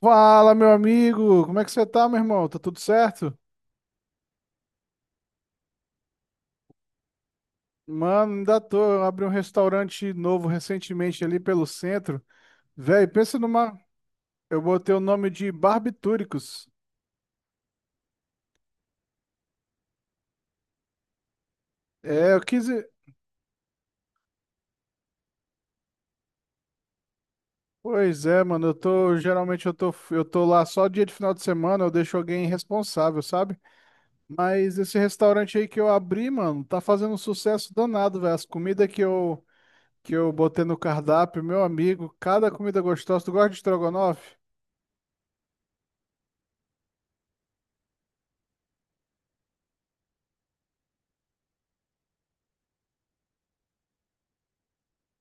Fala, meu amigo! Como é que você tá, meu irmão? Tá tudo certo? Mano, ainda tô. Eu abri um restaurante novo recentemente ali pelo centro. Véi, pensa numa. Eu botei o nome de Barbitúricos. É, eu quis. Pois é, mano, eu tô. Geralmente eu tô lá só dia de final de semana, eu deixo alguém responsável, sabe? Mas esse restaurante aí que eu abri, mano, tá fazendo um sucesso danado, velho. As comidas que eu botei no cardápio, meu amigo, cada comida gostosa. Tu gosta de estrogonofe?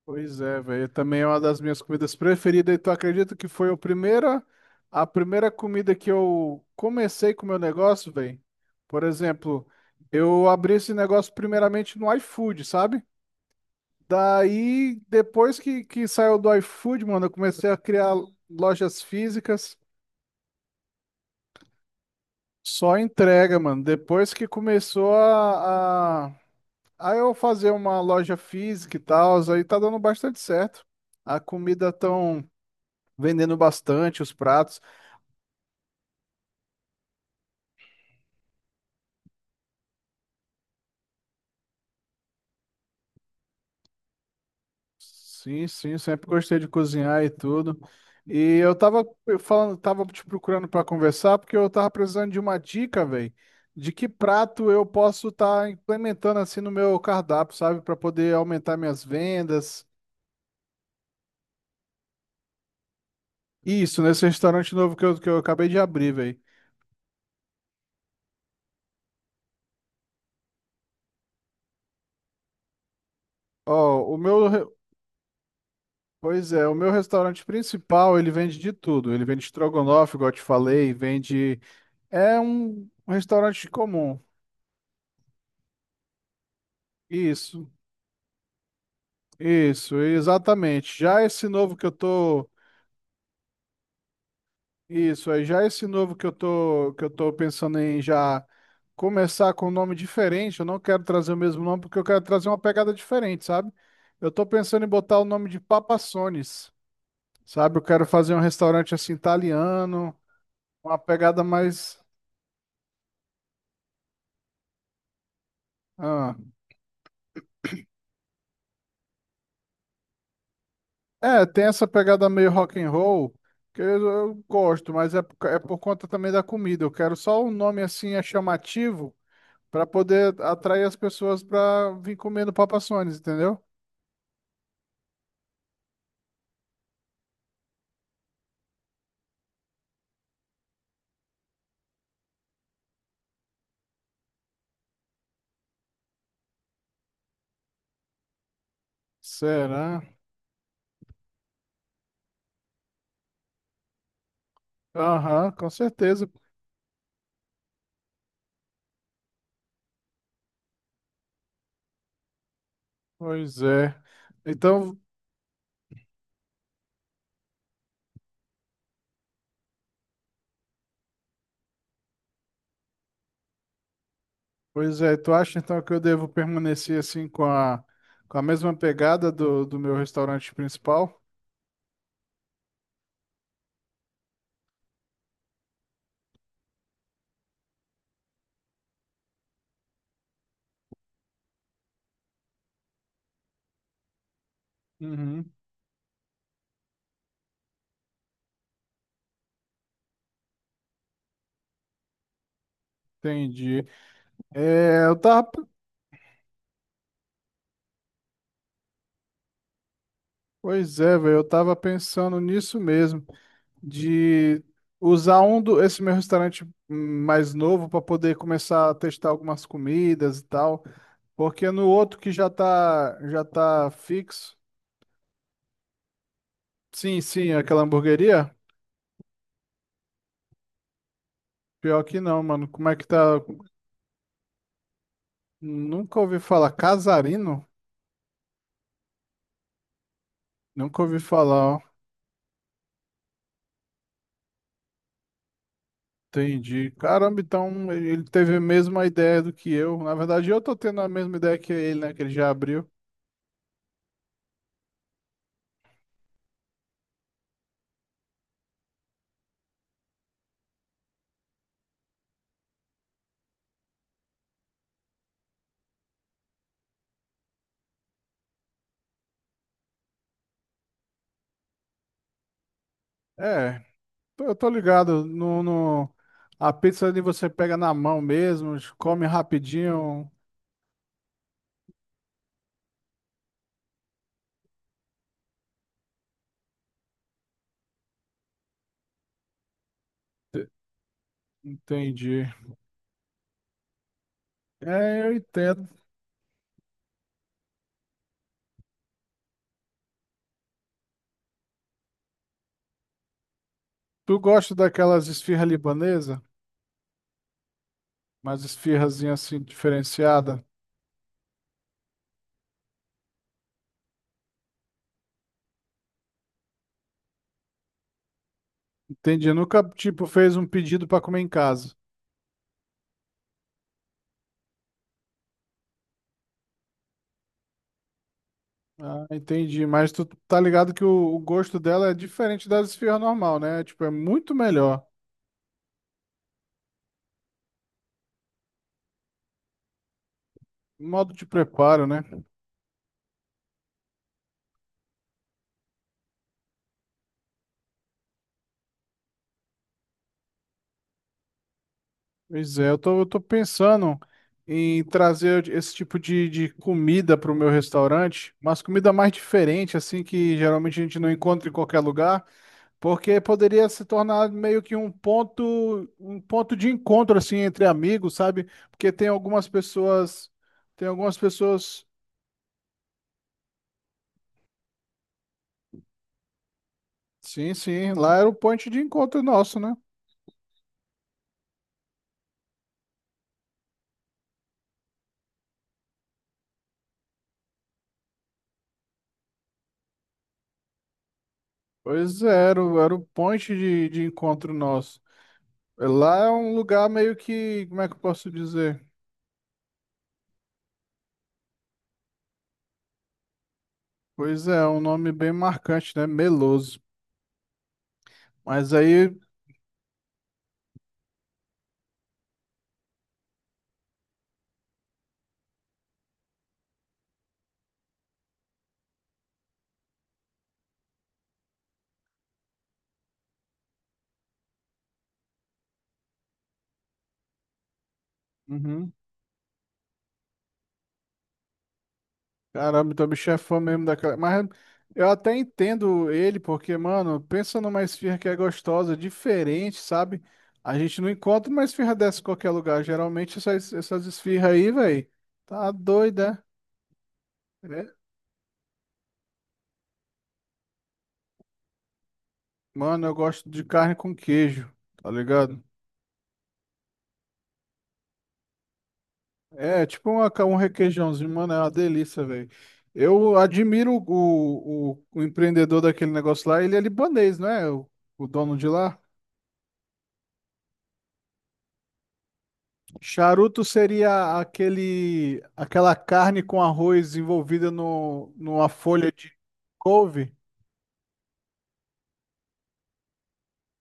Pois é, velho. Também é uma das minhas comidas preferidas. E tu acredita que foi a primeira comida que eu comecei com o meu negócio, velho? Por exemplo, eu abri esse negócio primeiramente no iFood, sabe? Daí, depois que saiu do iFood, mano, eu comecei a criar lojas físicas, só entrega, mano. Depois que começou a eu fazer uma loja física e tal, aí tá dando bastante certo. A comida tão vendendo bastante os pratos. Sim, sim, sempre gostei de cozinhar e tudo. E eu tava falando, tava te procurando para conversar porque eu tava precisando de uma dica, velho, de que prato eu posso estar implementando assim no meu cardápio, sabe, para poder aumentar minhas vendas. Isso, nesse restaurante novo que eu acabei de abrir, velho. Ó, pois é, o meu restaurante principal, ele vende de tudo. Ele vende estrogonofe, igual eu te falei, vende é um restaurante comum. Isso. Isso, exatamente. Já esse novo que eu tô, isso, aí já esse novo que eu tô pensando em já começar com um nome diferente, eu não quero trazer o mesmo nome porque eu quero trazer uma pegada diferente, sabe? Eu tô pensando em botar o nome de Papassones, sabe? Eu quero fazer um restaurante assim italiano, uma pegada mais, ah, é, tem essa pegada meio rock and roll que eu gosto, mas é, é por conta também da comida. Eu quero só um nome assim é chamativo pra poder atrair as pessoas pra vir comendo Papa John's, entendeu? Será? Aham, com certeza. Pois é. Então, pois é, tu acha então que eu devo permanecer assim com com a mesma pegada do meu restaurante principal? Uhum, entendi. É, eu tava, pois é, velho, eu tava pensando nisso mesmo, de usar esse meu restaurante mais novo para poder começar a testar algumas comidas e tal. Porque no outro que já tá fixo. Sim, sim, aquela hamburgueria. Pior que não, mano. Como é que tá? Nunca ouvi falar. Casarino? Nunca ouvi falar, ó. Entendi. Caramba, então ele teve a mesma ideia do que eu. Na verdade, eu tô tendo a mesma ideia que ele, né? Que ele já abriu. É, eu tô ligado. No, no... A pizza ali você pega na mão mesmo, come rapidinho. Te- Entendi. É, eu entendo. Tu gosta daquelas esfirras libanesas? Mas esfirrazinha assim, diferenciada. Entendi. Nunca, tipo, fez um pedido pra comer em casa. Ah, entendi. Mas tu tá ligado que o gosto dela é diferente das esfirras normal, né? Tipo, é muito melhor. Modo de preparo, né? Pois é, eu tô pensando em trazer esse tipo de comida pro meu restaurante. Mas comida mais diferente, assim, que geralmente a gente não encontra em qualquer lugar. Porque poderia se tornar meio que um ponto de encontro assim entre amigos, sabe? Porque tem algumas pessoas. Sim, sim, lá era o point de encontro nosso, né? Pois é, era, era o point de encontro nosso. Lá é um lugar meio que, como é que eu posso dizer? Pois é, é um nome bem marcante, né? Meloso. Mas aí, uhum. Caramba, então o bicho é fã mesmo daquela. Mas eu até entendo ele, porque, mano, pensa numa esfirra que é gostosa, diferente, sabe? A gente não encontra uma esfirra dessa em qualquer lugar. Geralmente essas esfirras aí, velho, tá doida. Né? É. Mano, eu gosto de carne com queijo, tá ligado? É, tipo uma, um requeijãozinho, mano, é uma delícia, velho. Eu admiro o empreendedor daquele negócio lá, ele é libanês, não é? O o dono de lá. Charuto seria aquele, aquela carne com arroz envolvida no, numa folha de couve,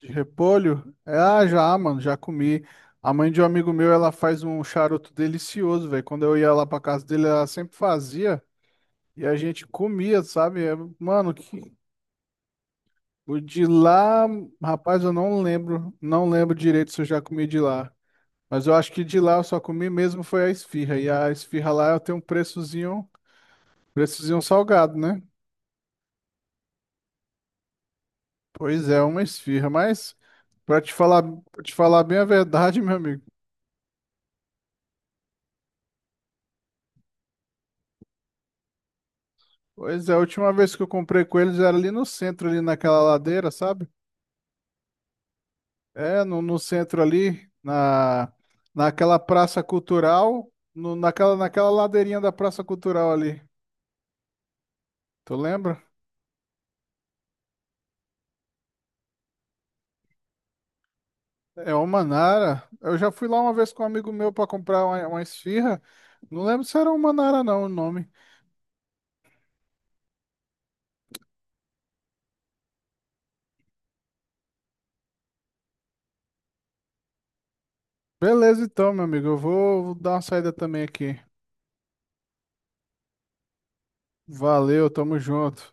de repolho. É, ah, já, mano, já comi. A mãe de um amigo meu, ela faz um charuto delicioso, velho. Quando eu ia lá pra casa dele, ela sempre fazia e a gente comia, sabe? É, mano, que... O de lá, rapaz, eu não lembro, não lembro direito se eu já comi de lá. Mas eu acho que de lá eu só comi mesmo foi a esfirra. E a esfirra lá ela tem um preçozinho. Preços de um salgado, né? Pois é, uma esfirra, mas pra te falar, pra te falar bem a verdade, meu amigo. Pois é, a última vez que eu comprei com eles era ali no centro, ali naquela ladeira, sabe? É, no centro ali, na, naquela praça cultural, no, naquela, naquela ladeirinha da praça cultural ali. Tu lembra? É o Manara. Eu já fui lá uma vez com um amigo meu para comprar uma esfirra. Não lembro se era o Manara não, o nome. Beleza, então, meu amigo, eu vou dar uma saída também aqui. Valeu, tamo junto.